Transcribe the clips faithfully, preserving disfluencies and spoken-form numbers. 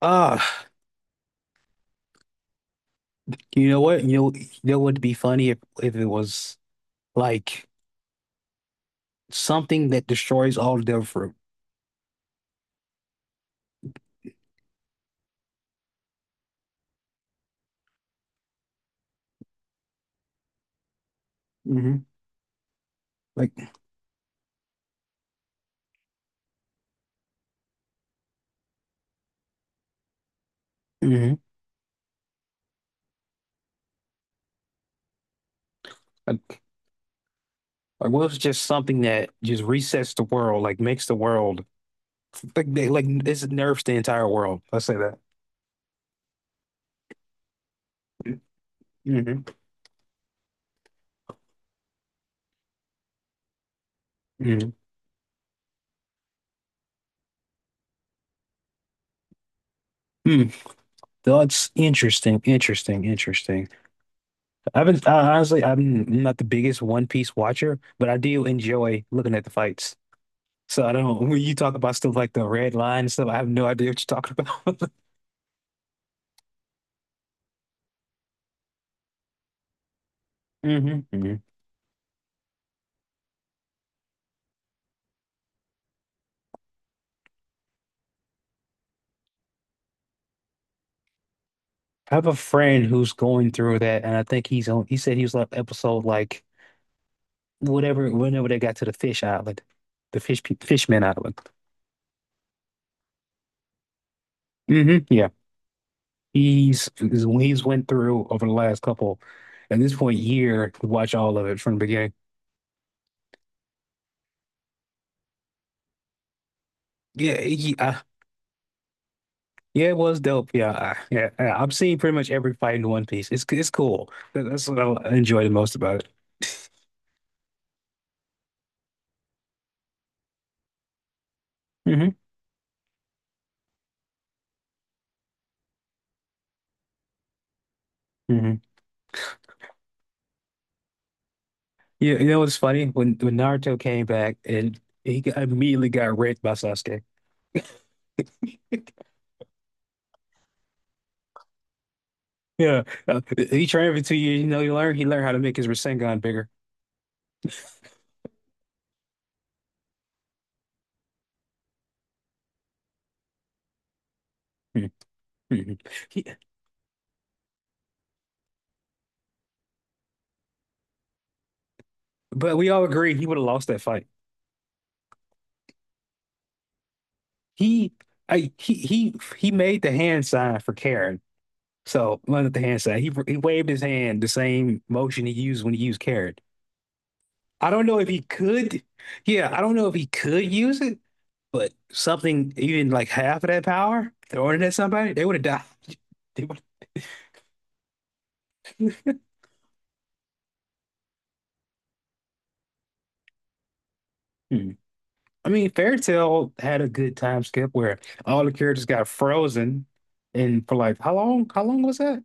Ah, you know what? You know, you know what would be funny if, if it was like something that destroys all their fruit. hmm Like, hmm Like, like what if it's just something that just resets the world, like makes the world like they like this nerfs the entire world. Let's say that. hmm hmm Hmm. That's interesting, interesting, interesting. I've been I, honestly, I'm not the biggest One Piece watcher, but I do enjoy looking at the fights. So I don't, when you talk about stuff like the red line and stuff, I have no idea what you're talking about. hmm hmm I have a friend who's going through that, and I think he's on, he said he was on episode like whatever, whenever they got to the fish island, the fish, pe- fishman island. Hmm Yeah. He's, he's, he's went through over the last couple, at this point, year, to watch all of it from the beginning. Yeah. He, uh, yeah, it was dope. Yeah. I- Yeah. I- I've seen pretty much every fight in One Piece. It's, it's cool. That- That's what I enjoy the most about it. hmm You, you know what's funny? When when Naruto came back and he got, immediately got raped by Sasuke. Yeah, uh, he trained for two years. You know, he learned he learned how to make his Rasengan bigger. Mhm. He, but we all agree he would have lost that fight. He, I, he, he, he made the hand sign for Karen. So, well, not the hand sign. He he waved his hand the same motion he used when he used Karen. I don't know if he could. Yeah, I don't know if he could use it, but something even like half of that power throwing it at somebody, they would have died. They would. Hmm. I mean, Fairy Tail had a good time skip where all the characters got frozen, and for like how long? How long was that?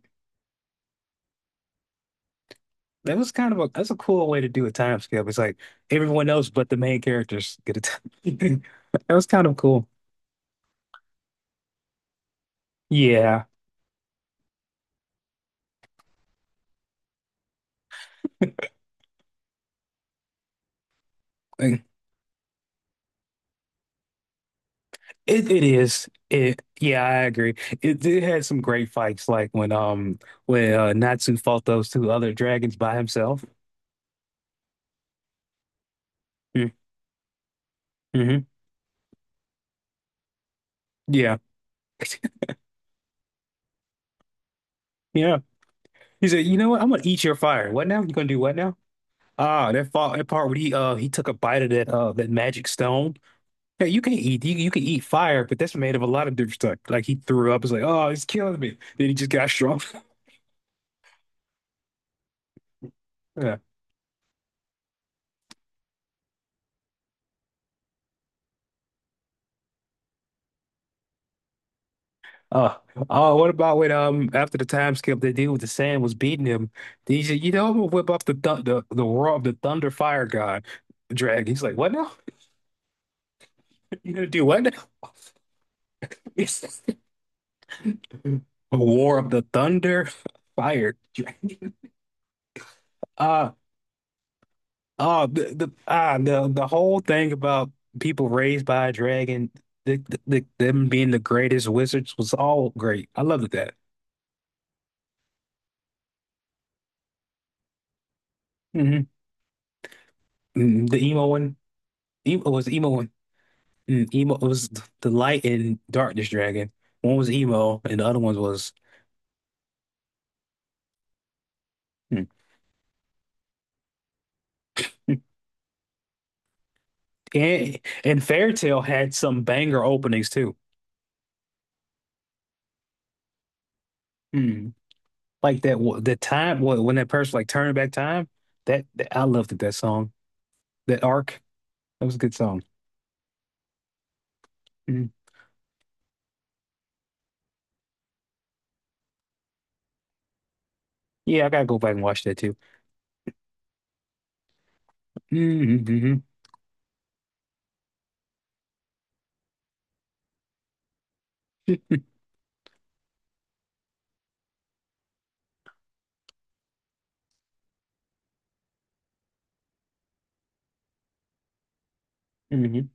That was kind of a that's a cool way to do a time skip. It's like everyone else but the main characters get a time. That was kind of cool. Yeah. It it is. It yeah, I agree. It it had some great fights, like when um when uh, Natsu fought those two other dragons by himself. Mm, Mm-hmm. Yeah, yeah. He said, "You know what? I'm gonna eat your fire. What now? You gonna do what now?" Ah, that fought that part where he uh he took a bite of that uh that magic stone. Hey, you can eat you, you can eat fire, but that's made of a lot of different stuff. Like he threw up. It's like, oh, it's killing me. Then he just got strong. Uh, oh, what about when um after the time skip the dude with the sand was beating him? He said, you know, I'm gonna whip up the th the the roar of the thunder fire god dragon. He's like, what now? You gonna do what now? He says, a war of the thunder fire dragon. Uh oh the the ah the the whole thing about people raised by a dragon, the, the, the them being the greatest wizards was all great. I loved that. hmm The emo one, emo was emo. Mm, emo it was th- the light and darkness dragon. One was emo, and the other one was mm. And and Fairytale had some banger openings too. Mm. Like that wa- the time wh- when that person like turned back time. That, that I loved it, that song. That arc. That was a good song. Mm. Yeah, I gotta go back and watch that too. Mm-hmm, hmm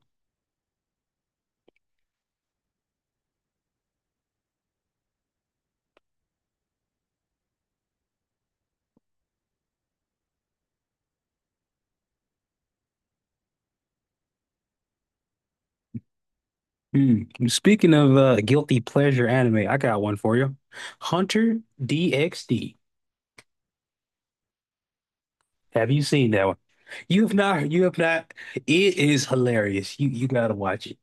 Mm. Speaking of uh, guilty pleasure anime, I got one for you. Hunter DxD. Have you seen that one? You have not. You have not. It is hilarious. You you gotta watch it.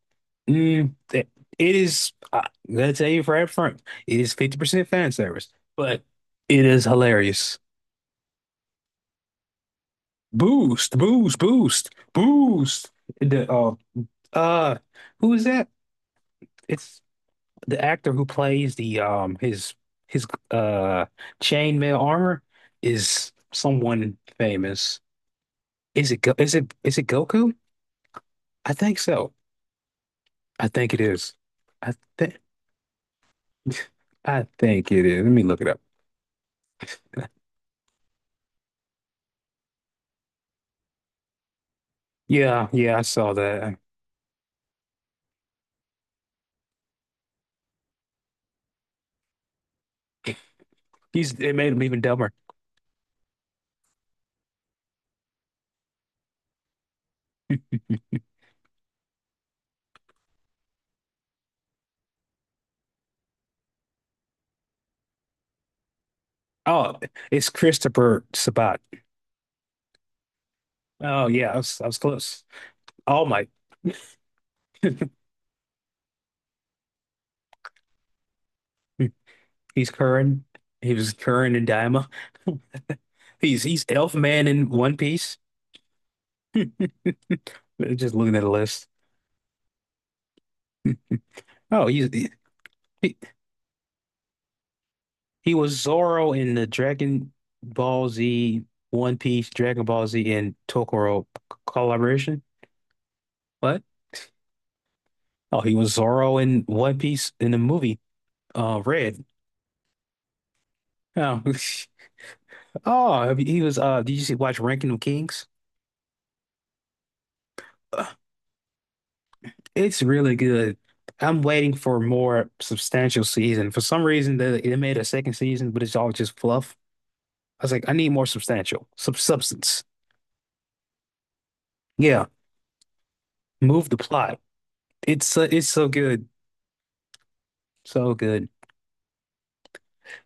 Mm, it it is. Uh, I'll tell you right up front. It is fifty percent fan service, but it is hilarious. Boost, boost, boost, boost. The uh, uh, who is that? It's the actor who plays the um his his uh chainmail armor is someone famous. Is it Go is it is it Goku? I think so. I think it is. I think. I think it is. Let me look it up. Yeah, yeah, I saw that. He's it made him even dumber. Oh, it's Christopher Sabat. Oh yeah, I was, I was close. All Might. He's Curran. He was Curran and Daima. He's he's Elf Man in One Piece. Just looking at the list. Oh, he's he, he was Zoro in the Dragon Ball Z, One Piece, Dragon Ball Z, and Tokoro collaboration. What? Oh, he was Zoro in One Piece in the movie. Uh, Red. Oh, oh, he was. Uh, did you see, watch Ranking of Kings? Ugh, it's really good. I'm waiting for more substantial season. For some reason, they they made a second season, but it's all just fluff. I was like, I need more substantial, sub substance. Yeah, move the plot. It's uh, it's so good, so good.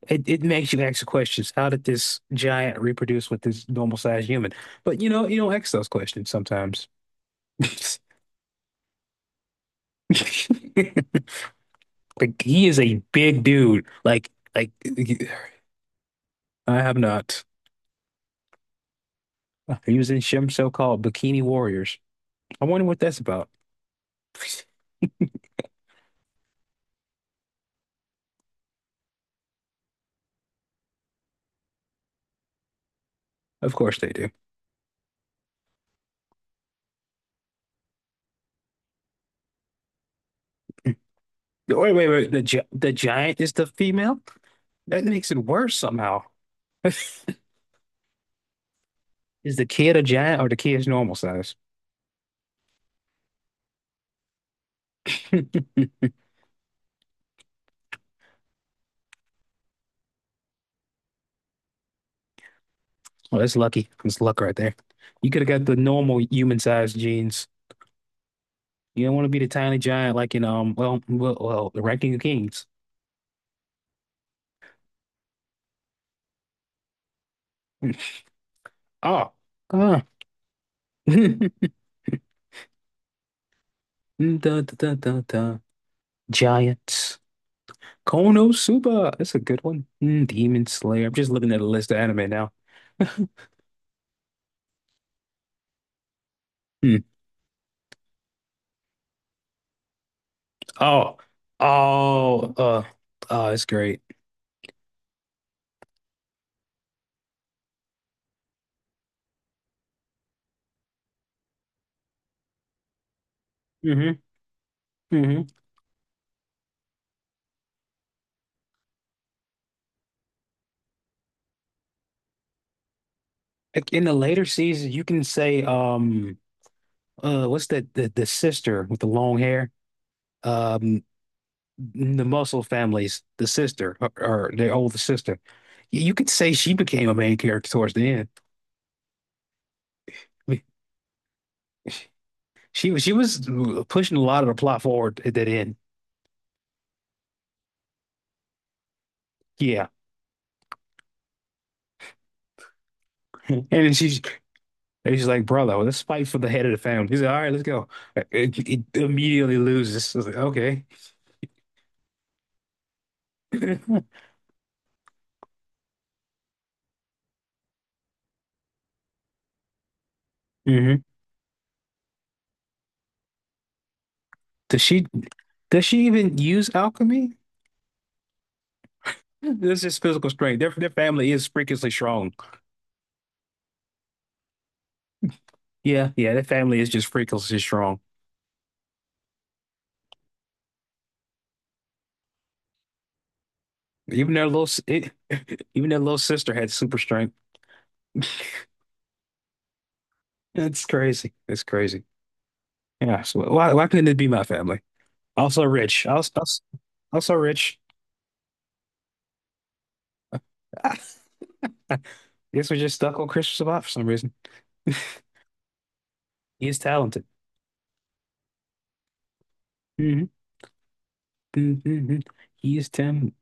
It it makes you ask questions. How did this giant reproduce with this normal sized human? But you know, you don't ask those questions sometimes. Like he is a big dude. Like like he- I have not. He was in Shim so-called Bikini Warriors. I wonder what that's about. Of course they do. Wait, wait, wait. The gi the giant is the female? That makes it worse somehow. Is the kid a giant or the kid is normal size? Hmm. Well, that's lucky. That's luck right there. You could have got the normal human size genes. You don't want to be the tiny giant like in um well well, well the Ranking of Kings. Oh. Ah. Dun, dun, dun, dun, dun. Giants. Konosuba. That's a good one. Mm, Demon Slayer. I'm just looking at a list of anime now. Hmm. Oh. Oh. Uh. Oh, it's great. hmm hmm Like in the later seasons, you can say, um, uh, what's that? The, the sister with the long hair. Um, the Muscle families. The sister or, or their older sister. You, you could say she became a main character towards the end. I mean, she was she was pushing a lot of the plot forward at that end. Yeah. And then she and he's like, brother, well, let's fight for the head of the family. He's like, all right, let's go. It, it immediately loses. I was like, okay. hmm Does she does she even use alchemy? This is physical strength. Their their family is freakishly strong. Yeah, yeah, their family is just freakishly strong. Even their little s- it, even their little sister had super strength. It's crazy. It's crazy. Yeah. So why why couldn't it be my family? Also rich. Also also, also rich. Guess we're just stuck on Christopher Sabat for some reason. He is talented. Mhm, mhm, mhm. He's them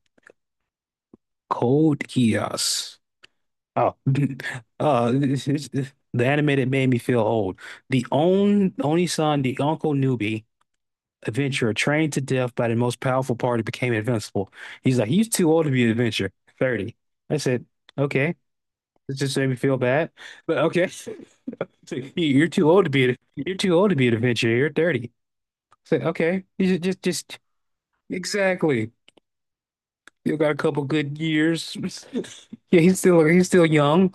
cold Geass. Oh, uh, this is- this- the animated made me feel old. The own only son, the Uncle Newbie adventurer, trained to death by the most powerful party, became invincible. He's like, he's too old to be an adventurer. thirty. I said, okay, this just made me feel bad, but okay. So, "You- You're too old to be a, you're too old to be an adventurer. You're thirty. I said, okay, you should just just exactly. Still got a couple good years. Yeah, he's still he's still young.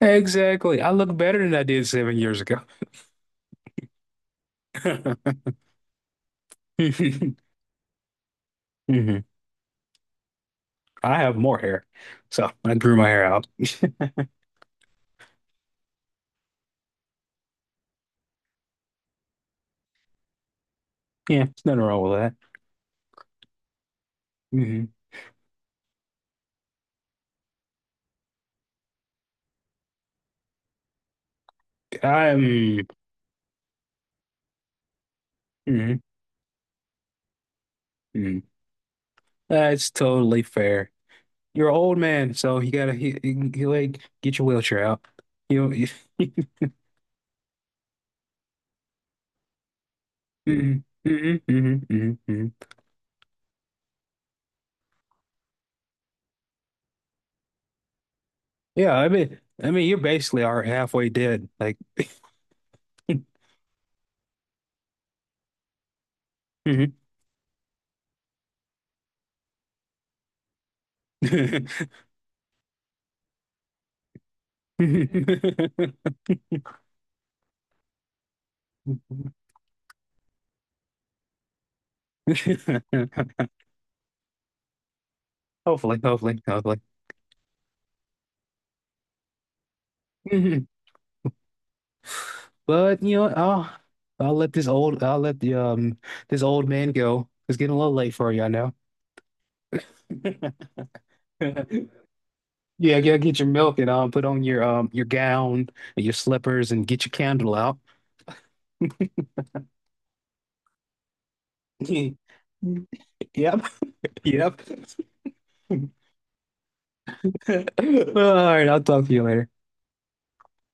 Exactly. I look better than I did seven years ago. hmm I have more hair, so I grew my hair out. Yeah, there's nothing wrong with that. hmm I am. mhm, mhm. That's totally fair. You're an old man, so you gotta he, he, he, like get your wheelchair out. You know. hmm hmm hmm hmm Yeah, I mean, I mean, you're basically are halfway dead. Like. Mhm. Hopefully, hopefully, hopefully. Mhm. But you know, what, I'll I'll let this old I'll let the um this old man go. It's getting a little late for you, I know. Yeah, yeah, get your milk and um put on your um your gown and your slippers and get your candle out. Yep, yep. All right, I'll talk to you later.